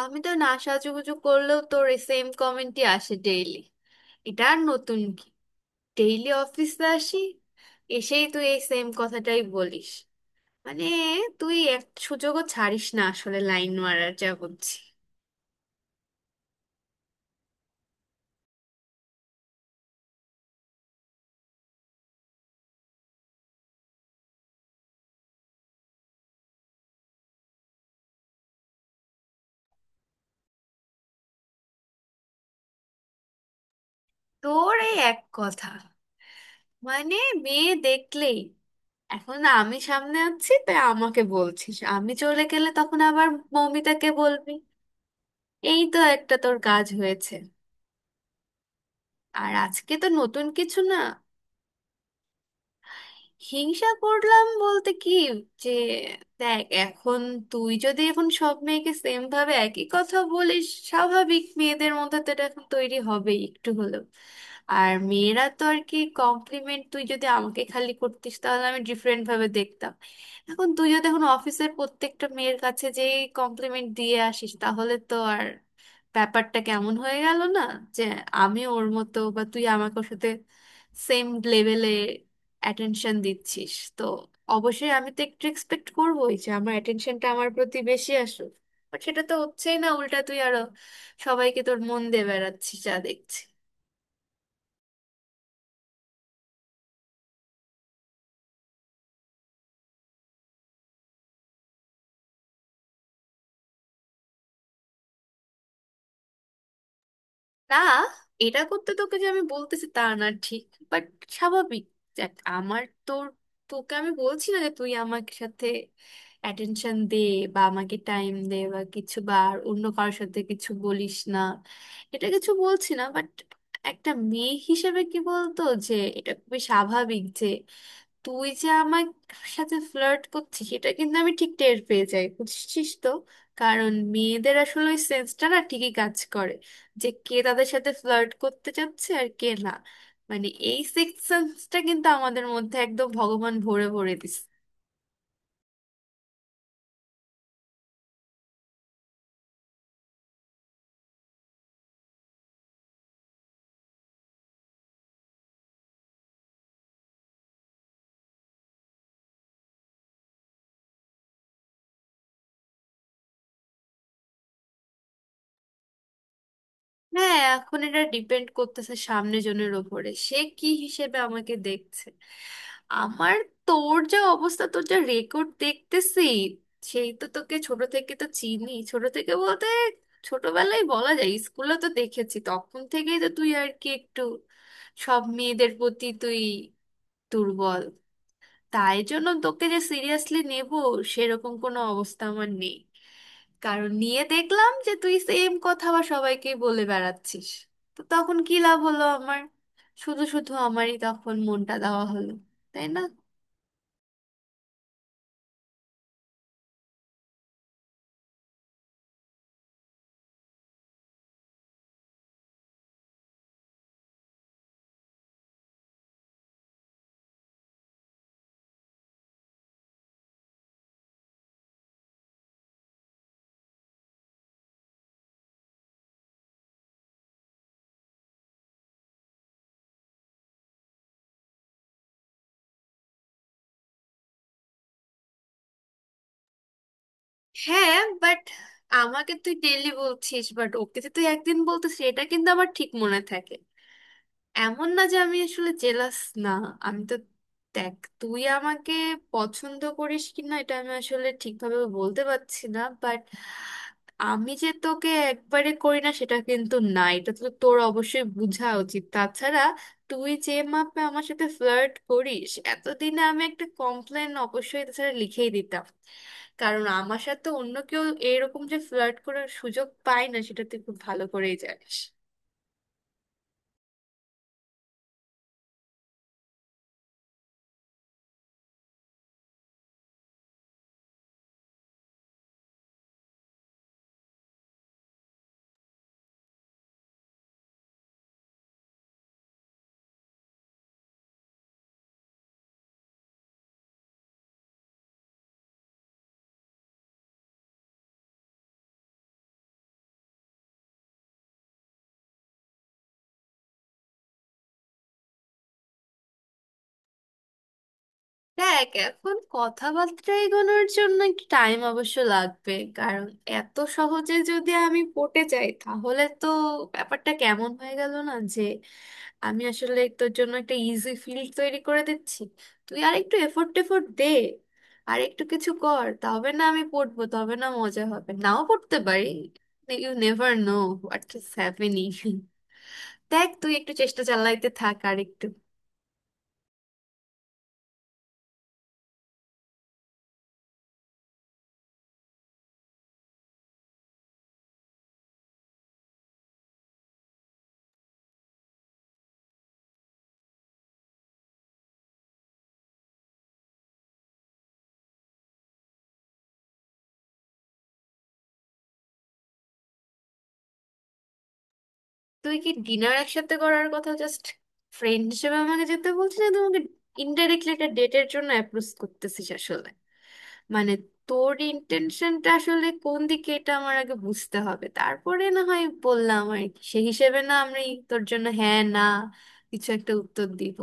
আমি তো না সাজুগুজু করলেও তোর এই সেম কমেন্টই আসে ডেইলি। এটা আর নতুন কি? ডেইলি অফিসে আসি, এসেই তুই এই সেম কথাটাই বলিস। মানে তুই এক সুযোগও ছাড়িস না আসলে, লাইন মারার যা বুঝছি। তোর এই এক কথা, মানে মেয়ে দেখলেই। এখন আমি সামনে আছি তাই আমাকে বলছিস, আমি চলে গেলে তখন আবার মৌমিতাকে বলবি। এই তো একটা তোর কাজ হয়েছে, আর আজকে তো নতুন কিছু না। হিংসা করলাম বলতে কি যে দেখ, এখন তুই যদি এখন সব মেয়েকে সেম ভাবে একই কথা বলিস, স্বাভাবিক মেয়েদের মধ্যে তো এটা এখন তৈরি হবেই একটু হলেও। আর মেয়েরা তো আর কি কমপ্লিমেন্ট, তুই যদি আমাকে খালি করতিস তাহলে আমি ডিফারেন্ট ভাবে দেখতাম। এখন তুই যদি এখন অফিসের প্রত্যেকটা মেয়ের কাছে কমপ্লিমেন্ট দিয়ে আসিস, তাহলে তো আর ব্যাপারটা কেমন হয়ে গেল না? যে আমি ওর মতো, বা তুই আমাকে ওর সাথে সেম লেভেলে অ্যাটেনশন দিচ্ছিস তো। অবশ্যই আমি তো একটু এক্সপেক্ট করবোই যে আমার অ্যাটেনশনটা আমার প্রতি বেশি আসুক, বাট সেটা তো হচ্ছেই না, উল্টা তুই আরো সবাইকে তোর মন দিয়ে বেড়াচ্ছিস যা দেখছি। না, এটা করতে তোকে যে আমি বলতেছি তা না ঠিক, বাট স্বাভাবিক। দেখ আমার তোর, তোকে আমি বলছি না যে তুই আমার সাথে অ্যাটেনশন দে বা আমাকে টাইম দে বা কিছু, বা আর অন্য কারোর সাথে কিছু বলিস না, এটা কিছু বলছি না। বাট একটা মেয়ে হিসেবে কি বলতো, যে এটা খুবই স্বাভাবিক যে তুই যে আমার সাথে ফ্লার্ট করছিস, এটা কিন্তু আমি ঠিক টের পেয়ে যাই, বুঝছিস তো? কারণ মেয়েদের আসলে ওই সেন্সটা না ঠিকই কাজ করে, যে কে তাদের সাথে ফ্লার্ট করতে চাচ্ছে আর কে না। মানে এই সিক্স সেন্সটা কিন্তু আমাদের মধ্যে একদম ভগবান ভরে ভরে দিছে। হ্যাঁ, এখন এটা ডিপেন্ড করতেছে সামনে জনের ওপরে, সে কি হিসেবে আমাকে দেখছে। আমার তোর, যা অবস্থা তোর, যা রেকর্ড দেখতেছি, সেই তো তোকে ছোট থেকে তো চিনি। ছোট থেকে বলতে ছোটবেলায় বলা যায়, স্কুলে তো দেখেছি, তখন থেকেই তো তুই আর কি একটু সব মেয়েদের প্রতি তুই দুর্বল। তাই জন্য তোকে যে সিরিয়াসলি নেব, সেরকম কোনো অবস্থা আমার নেই। কারণ নিয়ে দেখলাম যে তুই সেম কথা বা সবাইকে বলে বেড়াচ্ছিস, তো তখন কি লাভ হলো আমার? শুধু শুধু আমারই তখন মনটা দেওয়া হলো, তাই না? হ্যাঁ বাট আমাকে তুই ডেইলি বলছিস, বাট ওকে যে তুই একদিন বলতিস এটা কিন্তু আমার ঠিক মনে থাকে। এমন না যে আমি আসলে জেলাস, না। আমি তো দেখ, তুই আমাকে পছন্দ করিস কি না এটা আমি আসলে ঠিকভাবে বলতে পারছি না, বাট আমি যে তোকে একবারে করি না সেটা কিন্তু না, এটা তো তোর অবশ্যই বোঝা উচিত। তাছাড়া তুই যে মাপে আমার সাথে ফ্লার্ট করিস, এতদিনে আমি একটা কমপ্লেন অবশ্যই তাছাড়া লিখেই দিতাম। কারণ আমার সাথে অন্য কেউ এরকম যে ফ্লার্ট করার সুযোগ পায় না, সেটা তুই খুব ভালো করেই জানিস। দেখ এখন কথাবার্তা এগোনোর জন্য একটু টাইম অবশ্য লাগবে, কারণ এত সহজে যদি আমি পটে যাই তাহলে তো ব্যাপারটা কেমন হয়ে গেল না? আমি আসলে তোর জন্য একটা ইজি ফিল্ড তৈরি করে দিচ্ছি। তুই আর একটু এফোর্ট টেফোর্ট দে, আর একটু কিছু কর, তবে না আমি পড়বো, তবে না মজা হবে। নাও পড়তে পারি, you never know what is happening. দেখ তুই একটু চেষ্টা চালাইতে থাক আর একটু। তুই কি ডিনার একসাথে করার কথা জাস্ট ফ্রেন্ড হিসেবে আমাকে যেতে বলছিস, না তোমাকে ইনডাইরেক্টলি একটা ডেটের জন্য অ্যাপ্রোচ করতেছিস আসলে? মানে তোর ইন্টেনশনটা আসলে কোন দিকে, এটা আমার আগে বুঝতে হবে, তারপরে না হয় বললাম আর কি। সে হিসেবে না আমি তোর জন্য হ্যাঁ না কিছু একটা উত্তর দিব।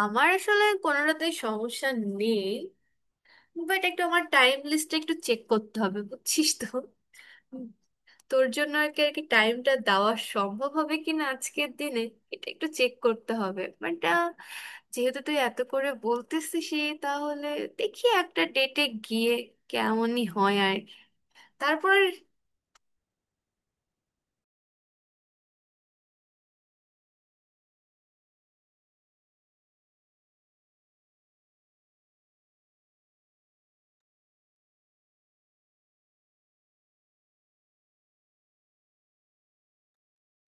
আমার আসলে কোনোটাতেই সমস্যা নেই, বাট একটু আমার টাইম লিস্টটা একটু চেক করতে হবে, বুঝছিস তো? তোর জন্য আর কি আর কি টাইমটা দেওয়া সম্ভব হবে কিনা আজকের দিনে, এটা একটু চেক করতে হবে। বাট যেহেতু তুই এত করে বলতেছিস, তাহলে দেখি একটা ডেটে গিয়ে কেমনই হয় আর কি। তারপর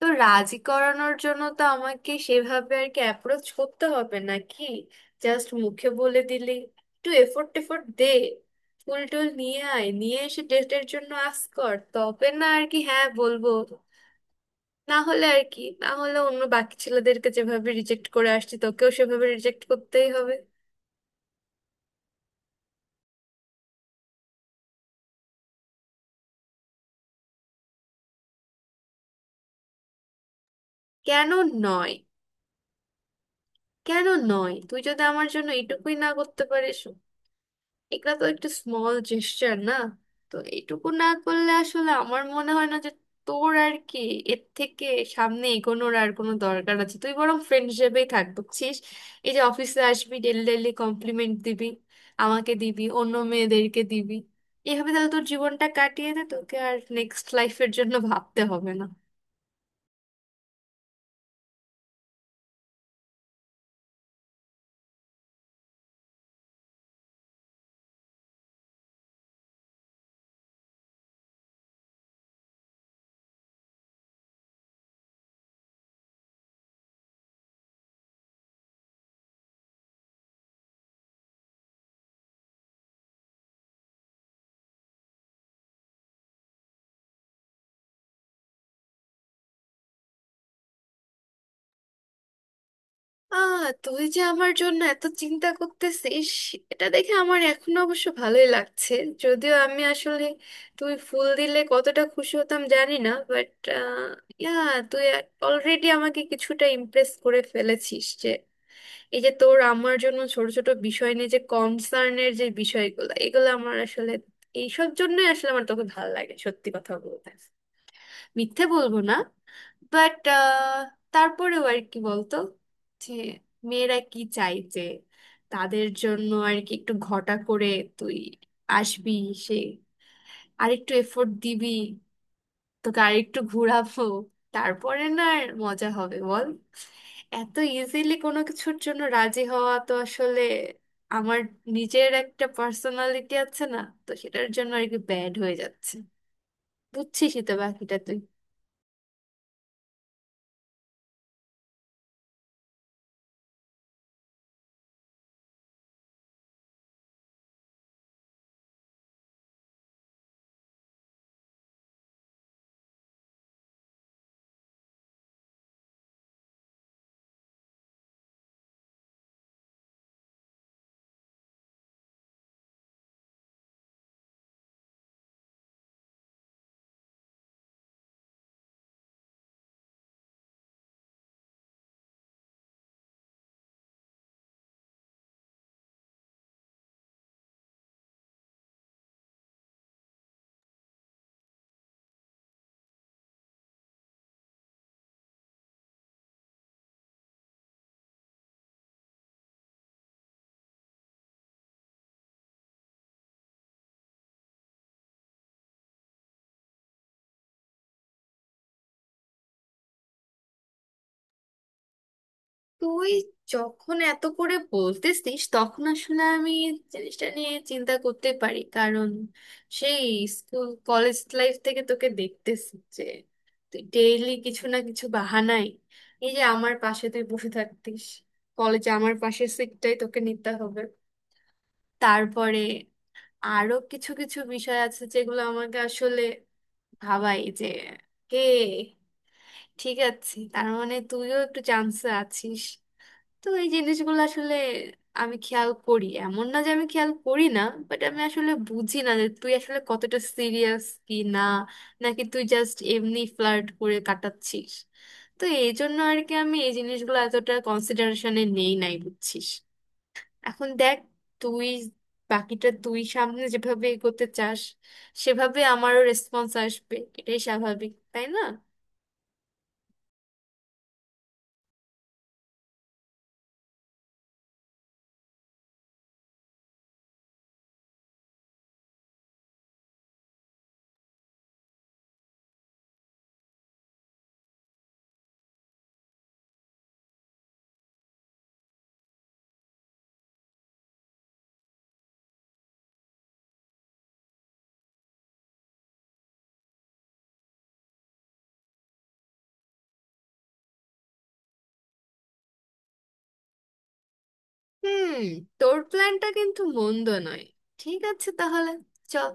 তো রাজি করানোর জন্য তো আমাকে সেভাবে আর কি অ্যাপ্রোচ করতে হবে নাকি? জাস্ট মুখে বলে দিলি? একটু এফোর্ট টেফোর্ট দে, ফুল টুল নিয়ে আয়, নিয়ে এসে ডেটের জন্য আস কর, তবে না আর কি হ্যাঁ বলবো। না হলে আর কি, না হলে অন্য বাকি ছেলেদেরকে যেভাবে রিজেক্ট করে আসছি, তোকেও সেভাবে রিজেক্ট করতেই হবে। কেন নয় কেন নয়, তুই যদি আমার জন্য এটুকুই না করতে পারিস! এগুলা তো একটু স্মল জেস্টার না। তো এইটুকু না করলে আসলে আমার মনে হয় না যে তোর আর কি এর থেকে সামনে এগোনোর আর কোনো দরকার আছে। তুই বরং ফ্রেন্ড হিসেবেই থাক, বুঝছিস? এই যে অফিসে আসবি, ডেলি ডেলি কমপ্লিমেন্ট দিবি, আমাকে দিবি, অন্য মেয়েদেরকে দিবি, এভাবে তাহলে তোর জীবনটা কাটিয়ে দে, তোকে আর নেক্সট লাইফের জন্য ভাবতে হবে না। আহ, তুই যে আমার জন্য এত চিন্তা করতেছিস, এটা দেখে আমার এখন অবশ্য ভালোই লাগছে। যদিও আমি আসলে, তুই ফুল দিলে কতটা খুশি হতাম জানি না, বাট ইয়া, তুই অলরেডি আমাকে কিছুটা ইমপ্রেস করে ফেলেছিস। যে এই যে তোর আমার জন্য ছোট ছোট বিষয় নিয়ে যে কনসার্নের যে বিষয়গুলো, এগুলো আমার আসলে, এইসব জন্যই আসলে আমার তোকে ভালো লাগে সত্যি কথা বলতে, মিথ্যে বলবো না। বাট তারপরেও আর কি বলতো, যে মেয়েরা কি চাই যে তাদের জন্য আর কি একটু ঘটা করে তুই আসবি, সে আরেকটু এফোর্ট দিবি, তোকে আরেকটু ঘোরাবো, তারপরে না আর মজা হবে, বল। এত ইজিলি কোনো কিছুর জন্য রাজি হওয়া তো আসলে, আমার নিজের একটা পার্সোনালিটি আছে না, তো সেটার জন্য আর কি ব্যাড হয়ে যাচ্ছে। বুঝছিসই তো বাকিটা তুই। তুই যখন এত করে বলতেছিস, তখন আসলে আমি জিনিসটা নিয়ে চিন্তা করতে পারি। কারণ সেই স্কুল কলেজ লাইফ থেকে তোকে দেখতেছি যে তুই ডেইলি কিছু না কিছু বাহানায়, এই যে আমার পাশে তুই বসে থাকতিস, কলেজে আমার পাশের সিটটাই তোকে নিতে হবে। তারপরে আরো কিছু কিছু বিষয় আছে যেগুলো আমাকে আসলে ভাবাই, যে কে ঠিক আছে, তার মানে তুইও একটু চান্সে আছিস। তো এই জিনিসগুলো আসলে আমি খেয়াল করি, এমন না যে আমি খেয়াল করি না। বাট আমি আসলে বুঝি না যে তুই আসলে কতটা সিরিয়াস কি না, নাকি তুই জাস্ট এমনি ফ্লার্ট করে কাটাচ্ছিস। তো এই জন্য আর কি আমি এই জিনিসগুলো এতটা কনসিডারেশনে নেই নাই, বুঝছিস। এখন দেখ, তুই বাকিটা তুই সামনে যেভাবে এগোতে চাস, সেভাবে আমারও রেসপন্স আসবে, এটাই স্বাভাবিক, তাই না? হুম, তোর প্ল্যানটা কিন্তু মন্দ নয়। ঠিক আছে, তাহলে চল।